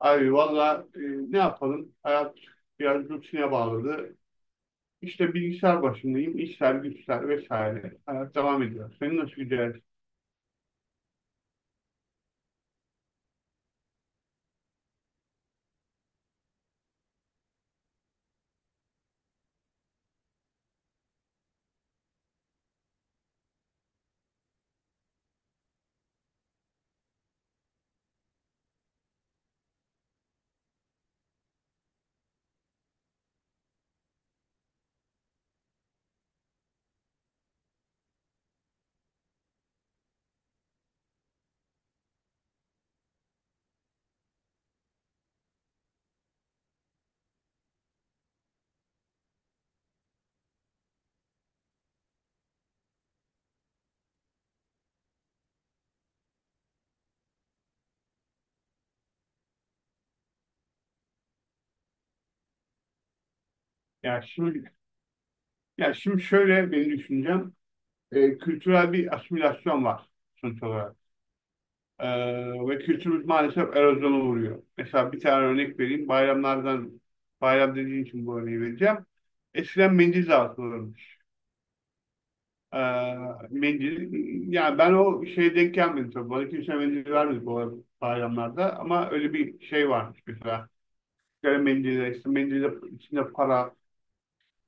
Abi valla ne yapalım? Hayat biraz rutine bağladı. İşte bilgisayar başındayım. İşler, güçler vesaire. Hayat devam ediyor. Senin nasıl gidiyor? Ya şimdi, ya şimdi, şöyle benim düşüncem. Kültürel bir asimilasyon var sonuç olarak. E, Ve kültürümüz maalesef erozyona uğruyor. Mesela bir tane örnek vereyim. Bayramlardan, bayram dediğin için bu örneği vereceğim. Eskiden mendil dağıtılırmış. Ee, mendil, yani ben o şeye denk gelmedim tabii. Bana kimse mendil vermedi bu bayramlarda. Ama öyle bir şey varmış mesela. Böyle mendille, işte mendille içinde para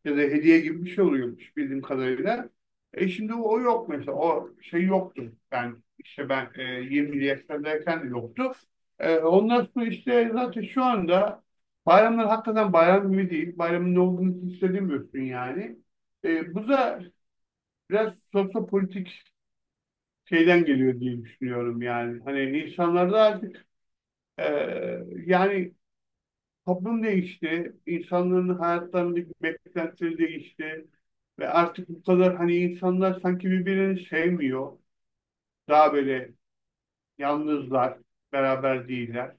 ya da hediye gibi bir şey oluyormuş bildiğim kadarıyla. E şimdi o yok mesela. O şey yoktu. Ben 20'li yaşlardayken de yoktu. E, ondan sonra işte zaten şu anda bayramlar hakikaten bayram gibi değil. Bayramın ne olduğunu hiç hissedemiyorsun yani. Bu da biraz sosyopolitik şeyden geliyor diye düşünüyorum yani. Hani insanlarda artık e, yani toplum değişti, insanların hayatlarındaki beklentileri değişti ve artık bu kadar hani insanlar sanki birbirini sevmiyor. Daha böyle yalnızlar, beraber değiller.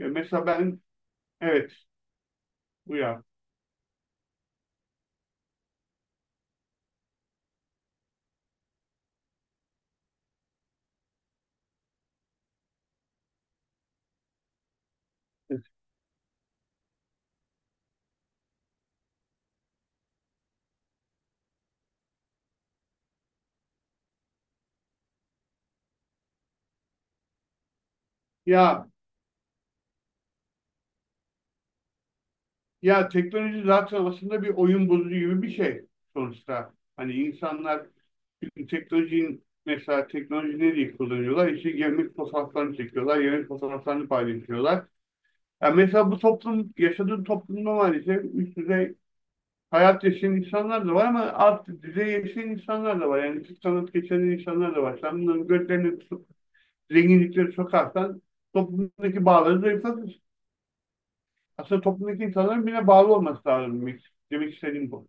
E, mesela ben evet uyar. Ya ya teknoloji zaten aslında bir oyun bozucu gibi bir şey sonuçta. Hani insanlar şimdi teknolojinin mesela teknoloji ne diye kullanıyorlar? İşte yemek fotoğraflarını çekiyorlar, yemek fotoğraflarını paylaşıyorlar. Yani mesela bu toplum, yaşadığın toplumda maalesef üst düzey hayat yaşayan insanlar da var ama alt düzey yaşayan insanlar da var. Yani küçük sanat geçinen insanlar da var. Sen bunların gözlerini tutup zenginlikleri sokarsan toplumdaki bağları zayıflatır. Aslında toplumdaki insanların bile bağlı olması lazım demek, demek istediğim bu.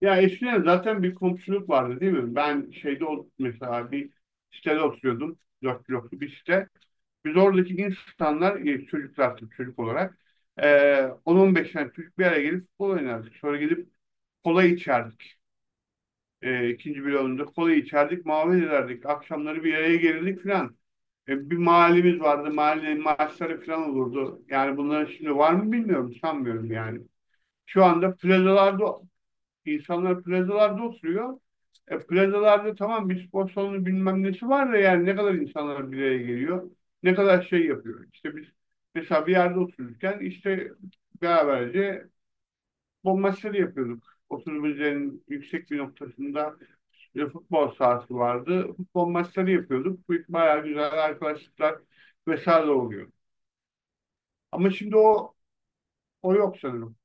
Ya eskiden zaten bir komşuluk vardı değil mi? Mesela bir sitede oturuyordum. Dört bloklu bir site. Biz oradaki insanlar, çocuklar tabii çocuk olarak e, 10-15 tane çocuk bir araya gelip futbol oynardık. Sonra gidip kola içerdik. İkinci bloğunda kola içerdik, muhabbet ederdik. Akşamları bir araya gelirdik filan. Bir mahallemiz vardı, mahallenin maçları filan olurdu. Yani bunların şimdi var mı bilmiyorum, sanmıyorum yani. Şu anda plazalarda İnsanlar plazalarda oturuyor. E, plazalarda tamam bir spor salonu bilmem nesi var da yani ne kadar insanlar bir araya geliyor. Ne kadar şey yapıyor. İşte biz mesela bir yerde otururken işte beraberce futbol maçları yapıyorduk. Oturumuzun yüksek bir noktasında bir futbol sahası vardı. Futbol maçları yapıyorduk. Bu bayağı güzel arkadaşlıklar vesaire oluyor. Ama şimdi o yok sanırım.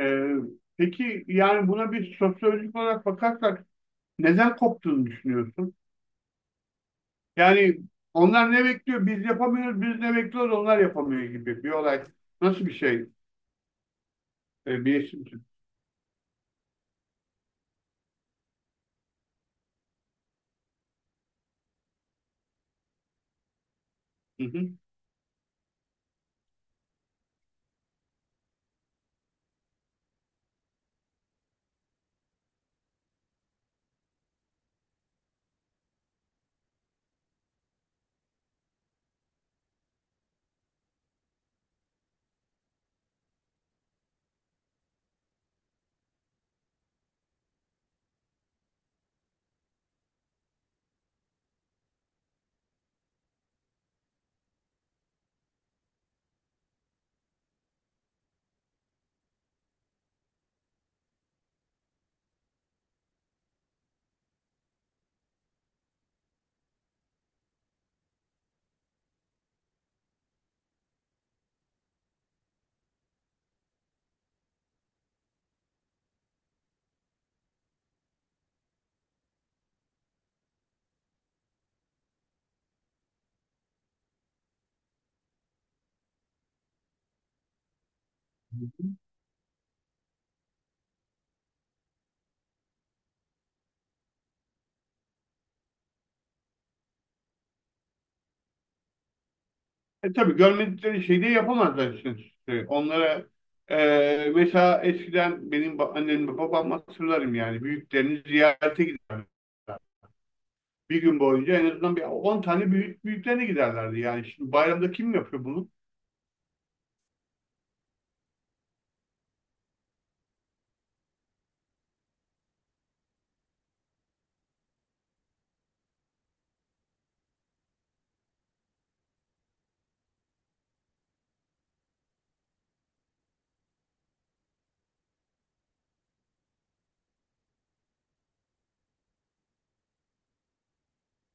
Ee, peki yani buna bir sosyolojik olarak bakarsak neden koptuğunu düşünüyorsun? Yani onlar ne bekliyor? Biz yapamıyoruz, biz ne bekliyoruz? Onlar yapamıyor gibi bir olay. Nasıl bir şey? E, bilirsin ki. Hı hı. Hı hı. E tabii görmedikleri şeyi de yapamazlar işte. Onlara mesela eskiden benim annem ve babam hatırlarım yani büyüklerini ziyarete giderler. Bir gün boyunca en azından bir 10 tane büyük büyüklerine giderlerdi. Yani şimdi bayramda kim yapıyor bunu?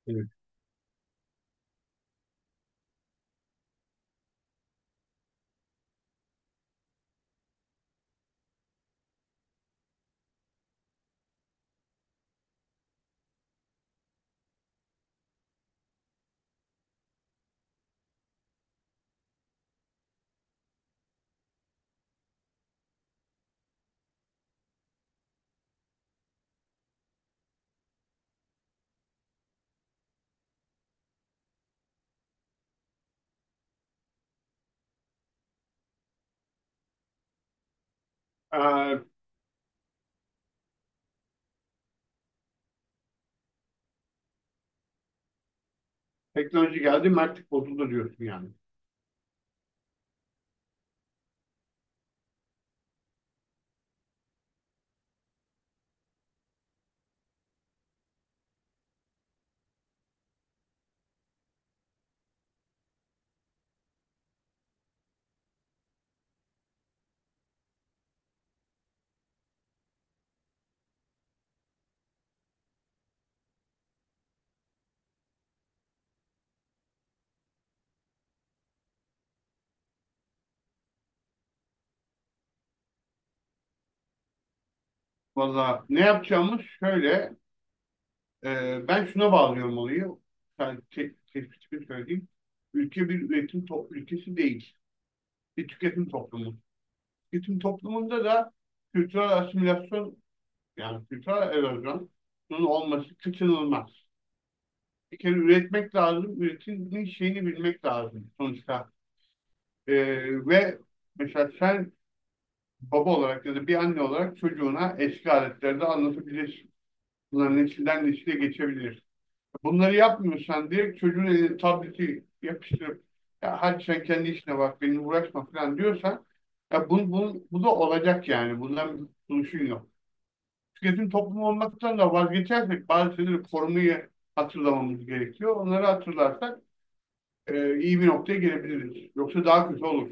Evet. E, teknoloji geldi, mertlik bozuldu diyorsun yani. Valla ne yapacağımız şöyle, ben şuna bağlıyorum olayı, yani te tespitimi söyleyeyim. Ülke bir ülkesi değil, bir tüketim toplumu. Tüketim toplumunda da kültürel asimilasyon, yani kültürel erozyonun olması kaçınılmaz. Bir kere üretmek lazım, üretimin şeyini bilmek lazım sonuçta. E, ve mesela sen baba olarak ya da bir anne olarak çocuğuna eski aletleri de anlatabilirsin. Bunların içinden de geçebilir. Bunları yapmıyorsan direkt çocuğun eline tableti yapıştırıp ya hadi sen kendi işine bak benimle uğraşma falan diyorsan ya bu da olacak yani. Bundan bir kurtuluşun yok. Tüketim toplumu olmaktan da vazgeçersek bazı şeyleri korumayı hatırlamamız gerekiyor. Onları hatırlarsak iyi bir noktaya gelebiliriz. Yoksa daha kötü olur.